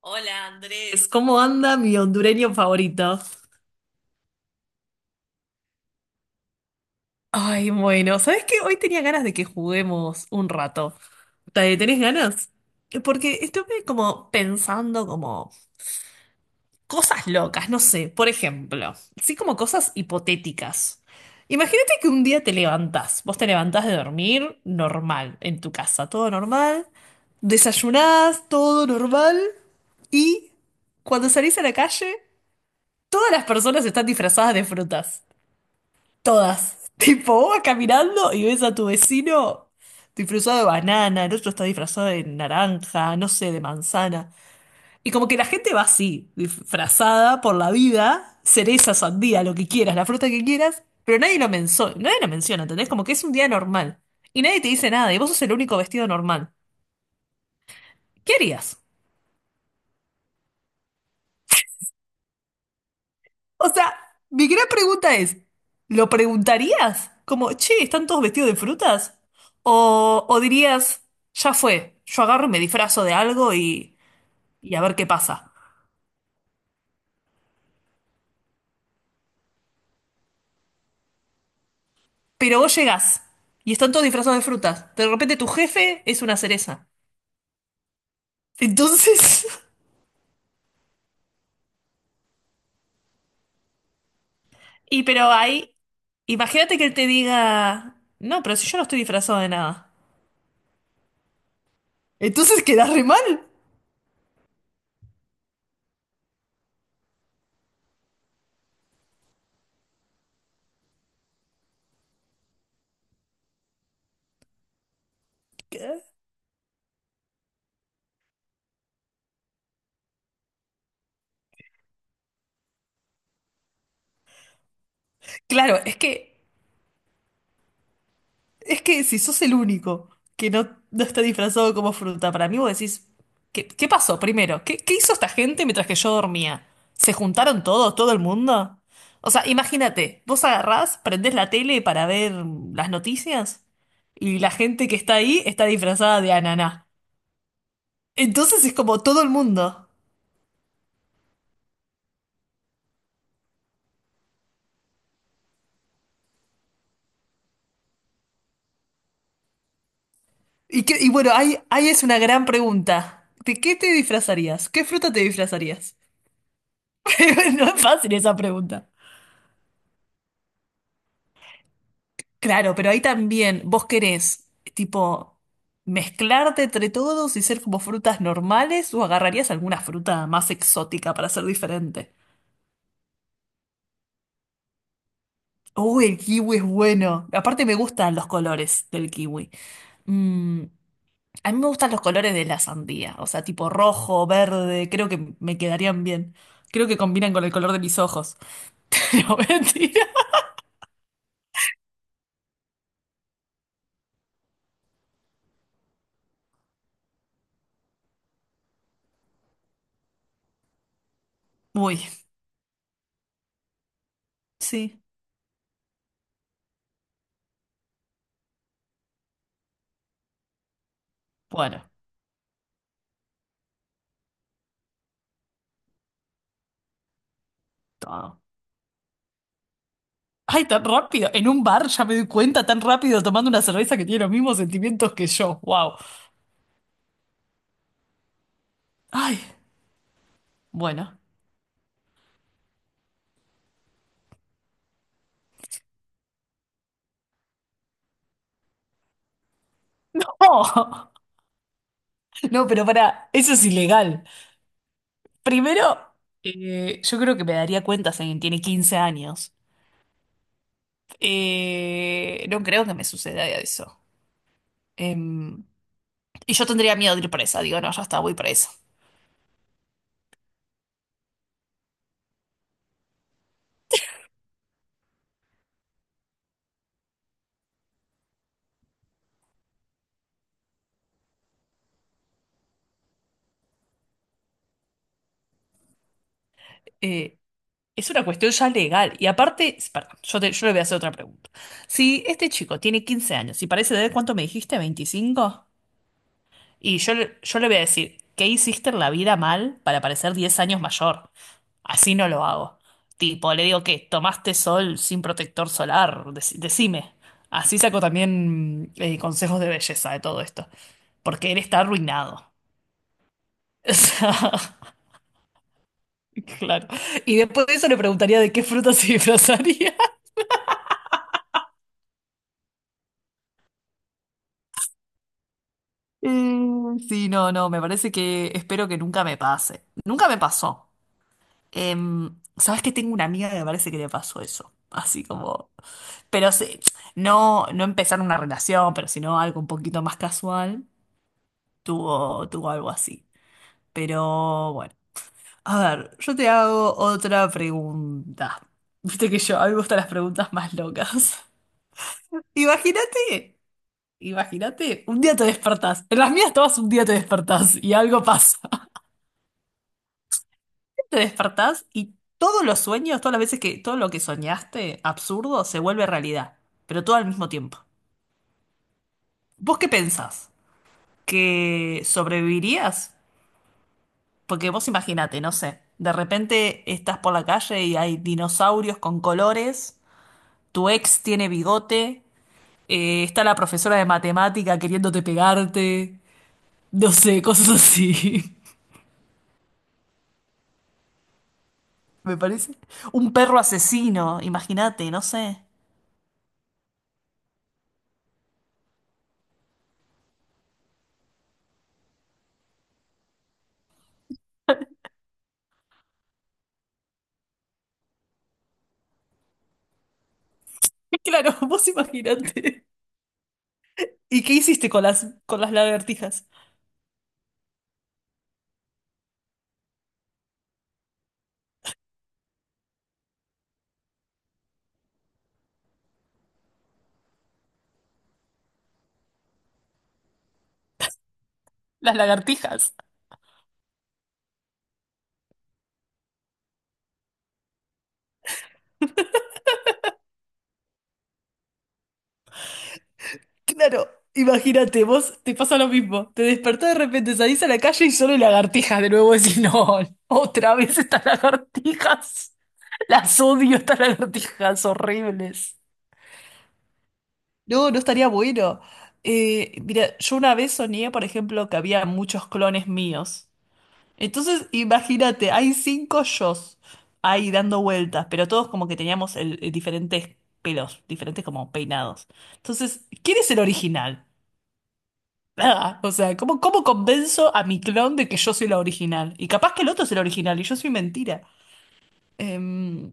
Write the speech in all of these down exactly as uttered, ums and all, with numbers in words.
Hola Andrés, ¿cómo anda mi hondureño favorito? Ay, bueno, ¿sabes qué? Hoy tenía ganas de que juguemos un rato. ¿Te- ¿Tenés ganas? Porque estuve como pensando como cosas locas, no sé, por ejemplo, sí como cosas hipotéticas. Imagínate que un día te levantás, vos te levantás de dormir normal, en tu casa, todo normal, desayunás, todo normal, y cuando salís a la calle, todas las personas están disfrazadas de frutas. Todas. Tipo, vos vas caminando y ves a tu vecino disfrazado de banana, el otro está disfrazado de naranja, no sé, de manzana. Y como que la gente va así, disfrazada por la vida, cereza, sandía, lo que quieras, la fruta que quieras, pero nadie lo menso- nadie lo menciona, ¿entendés? Como que es un día normal. Y nadie te dice nada, y vos sos el único vestido normal. ¿Qué harías? O sea, mi gran pregunta es, ¿lo preguntarías? Como, che, ¿están todos vestidos de frutas? O, o dirías, ya fue, yo agarro y me disfrazo de algo y, y a ver qué pasa. Pero vos llegás y están todos disfrazados de frutas. De repente tu jefe es una cereza. Entonces, y pero ahí, imagínate que él te diga, no, pero si yo no estoy disfrazado de nada. Entonces quedás re mal. Claro, es que Es que si sos el único que no, no está disfrazado como fruta, para mí vos decís, ¿qué, qué pasó primero? ¿Qué, qué hizo esta gente mientras que yo dormía? ¿Se juntaron todos, todo el mundo? O sea, imagínate, vos agarrás, prendés la tele para ver las noticias y la gente que está ahí está disfrazada de ananá. Entonces es como todo el mundo. Y, qué- y bueno, ahí, ahí es una gran pregunta. ¿De qué te disfrazarías? ¿Qué fruta te disfrazarías? No es fácil esa pregunta. Claro, pero ahí también vos querés, tipo, mezclarte entre todos y ser como frutas normales o agarrarías alguna fruta más exótica para ser diferente. Uy, el kiwi es bueno. Aparte me gustan los colores del kiwi. Mm, a mí me gustan los colores de la sandía, o sea, tipo rojo, verde, creo que me quedarían bien. Creo que combinan con el color de mis ojos. No, mentira. Uy, sí. Bueno, todo. Ay, tan rápido. En un bar ya me doy cuenta tan rápido tomando una cerveza que tiene los mismos sentimientos que yo. Wow. Ay, bueno. No, no, pero para, eso es ilegal. Primero, eh, yo creo que me daría cuenta si alguien tiene quince años. Eh, no creo que me suceda eso. Em, y yo tendría miedo de ir presa. Digo, no, ya está, voy presa. Eh, es una cuestión ya legal. Y aparte, perdón, yo, te- yo le voy a hacer otra pregunta. Si este chico tiene quince años y parece de, ¿cuánto me dijiste? Veinticinco. Y yo, le- yo le voy a decir, ¿qué hiciste en la vida mal para parecer diez años mayor? Así no lo hago. Tipo, le digo que tomaste sol sin protector solar, Dec- decime. Así saco también eh, consejos de belleza de todo esto, porque él está arruinado. O sea, claro. Y después de eso le preguntaría de qué fruta se disfrazaría. Mm, sí, no, no, me parece que espero que nunca me pase. Nunca me pasó. Em, ¿sabes que tengo una amiga que me parece que le pasó eso? Así como, pero sí, no, no empezar una relación, pero sino algo un poquito más casual, tuvo, tuvo algo así. Pero bueno, a ver, yo te hago otra pregunta. Viste que yo, a mí me gustan las preguntas más locas. Imagínate, imagínate, un día te despertás, en las mías todas un día te despertás y algo pasa. Te despertás y todos los sueños, todas las veces que todo lo que soñaste, absurdo, se vuelve realidad, pero todo al mismo tiempo. ¿Vos qué pensás? ¿Que sobrevivirías? Porque vos imagínate, no sé, de repente estás por la calle y hay dinosaurios con colores, tu ex tiene bigote, eh, está la profesora de matemática queriéndote pegarte, no sé, cosas así. Me parece. Un perro asesino, imagínate, no sé. Claro, vos imagínate. ¿Y qué hiciste con las, con las lagartijas? Las lagartijas. Claro, imagínate, vos te pasa lo mismo. Te despertás de repente, salís a la calle y solo hay lagartijas. De nuevo decís, no, otra vez estas lagartijas. Las odio, estas lagartijas horribles. No, no estaría bueno. Eh, mira, yo una vez soñé, por ejemplo, que había muchos clones míos. Entonces, imagínate, hay cinco yos ahí dando vueltas, pero todos como que teníamos el, el diferentes pelos, diferentes como peinados. Entonces, ¿quién es el original? Nada. O sea, ¿cómo, cómo convenzo a mi clon de que yo soy la original? Y capaz que el otro es el original y yo soy mentira. Em,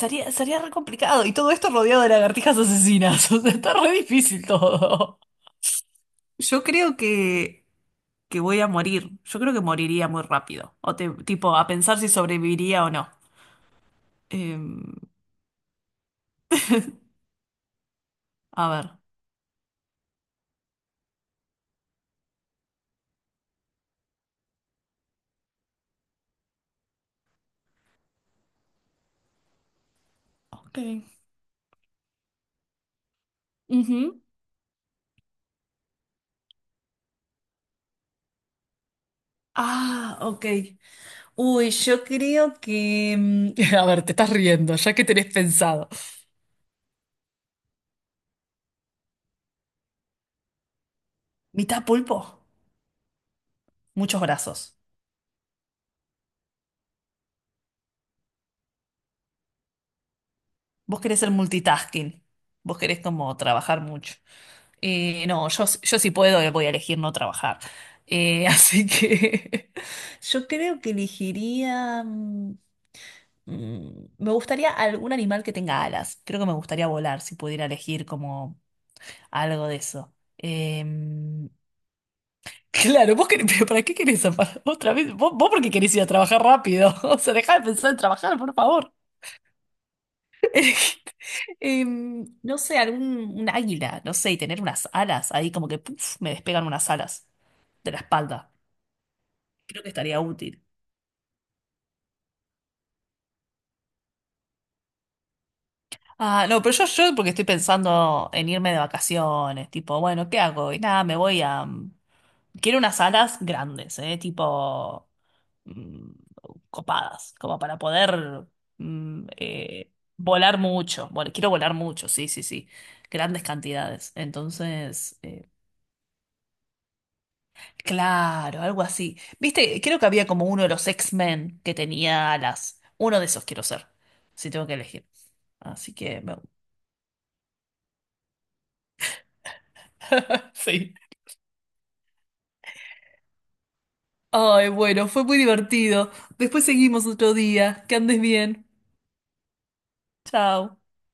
sería, sería re complicado. Y todo esto rodeado de lagartijas asesinas. O sea, está re difícil todo. Yo creo que, que voy a morir. Yo creo que moriría muy rápido. O te- tipo, a pensar si sobreviviría o no. Em, a ver. Ok. Ujú. Ah, ok. Uy, yo creo que... mm, a ver, te estás riendo, ya que tenés pensado. Mitad pulpo, muchos brazos. Vos querés ser multitasking. Vos querés como trabajar mucho. Eh, no, yo, yo sí puedo, eh, voy a elegir no trabajar. Eh, así que yo creo que elegiría... mm, mm, me gustaría algún animal que tenga alas. Creo que me gustaría volar si pudiera elegir como algo de eso. Em, claro, vos querés- pero ¿para qué querés zafar otra vez? Vos, vos porque querés ir a trabajar rápido. O sea, dejá de pensar en trabajar, por favor. Em, no sé, algún un águila, no sé, y tener unas alas ahí como que puf, me despegan unas alas de la espalda. Creo que estaría útil. Ah, no, pero yo, yo porque estoy pensando en irme de vacaciones, tipo, bueno, ¿qué hago? Y nada, me voy a, quiero unas alas grandes, ¿eh? Tipo mm, copadas, como para poder mm, eh, volar mucho. Vol- quiero volar mucho, sí, sí, sí. Grandes cantidades. Entonces, eh, claro, algo así. Viste, creo que había como uno de los X-Men que tenía alas. Uno de esos quiero ser, si tengo que elegir. Así que, me- sí. Ay, bueno, fue muy divertido. Después seguimos otro día. Que andes bien. Chao.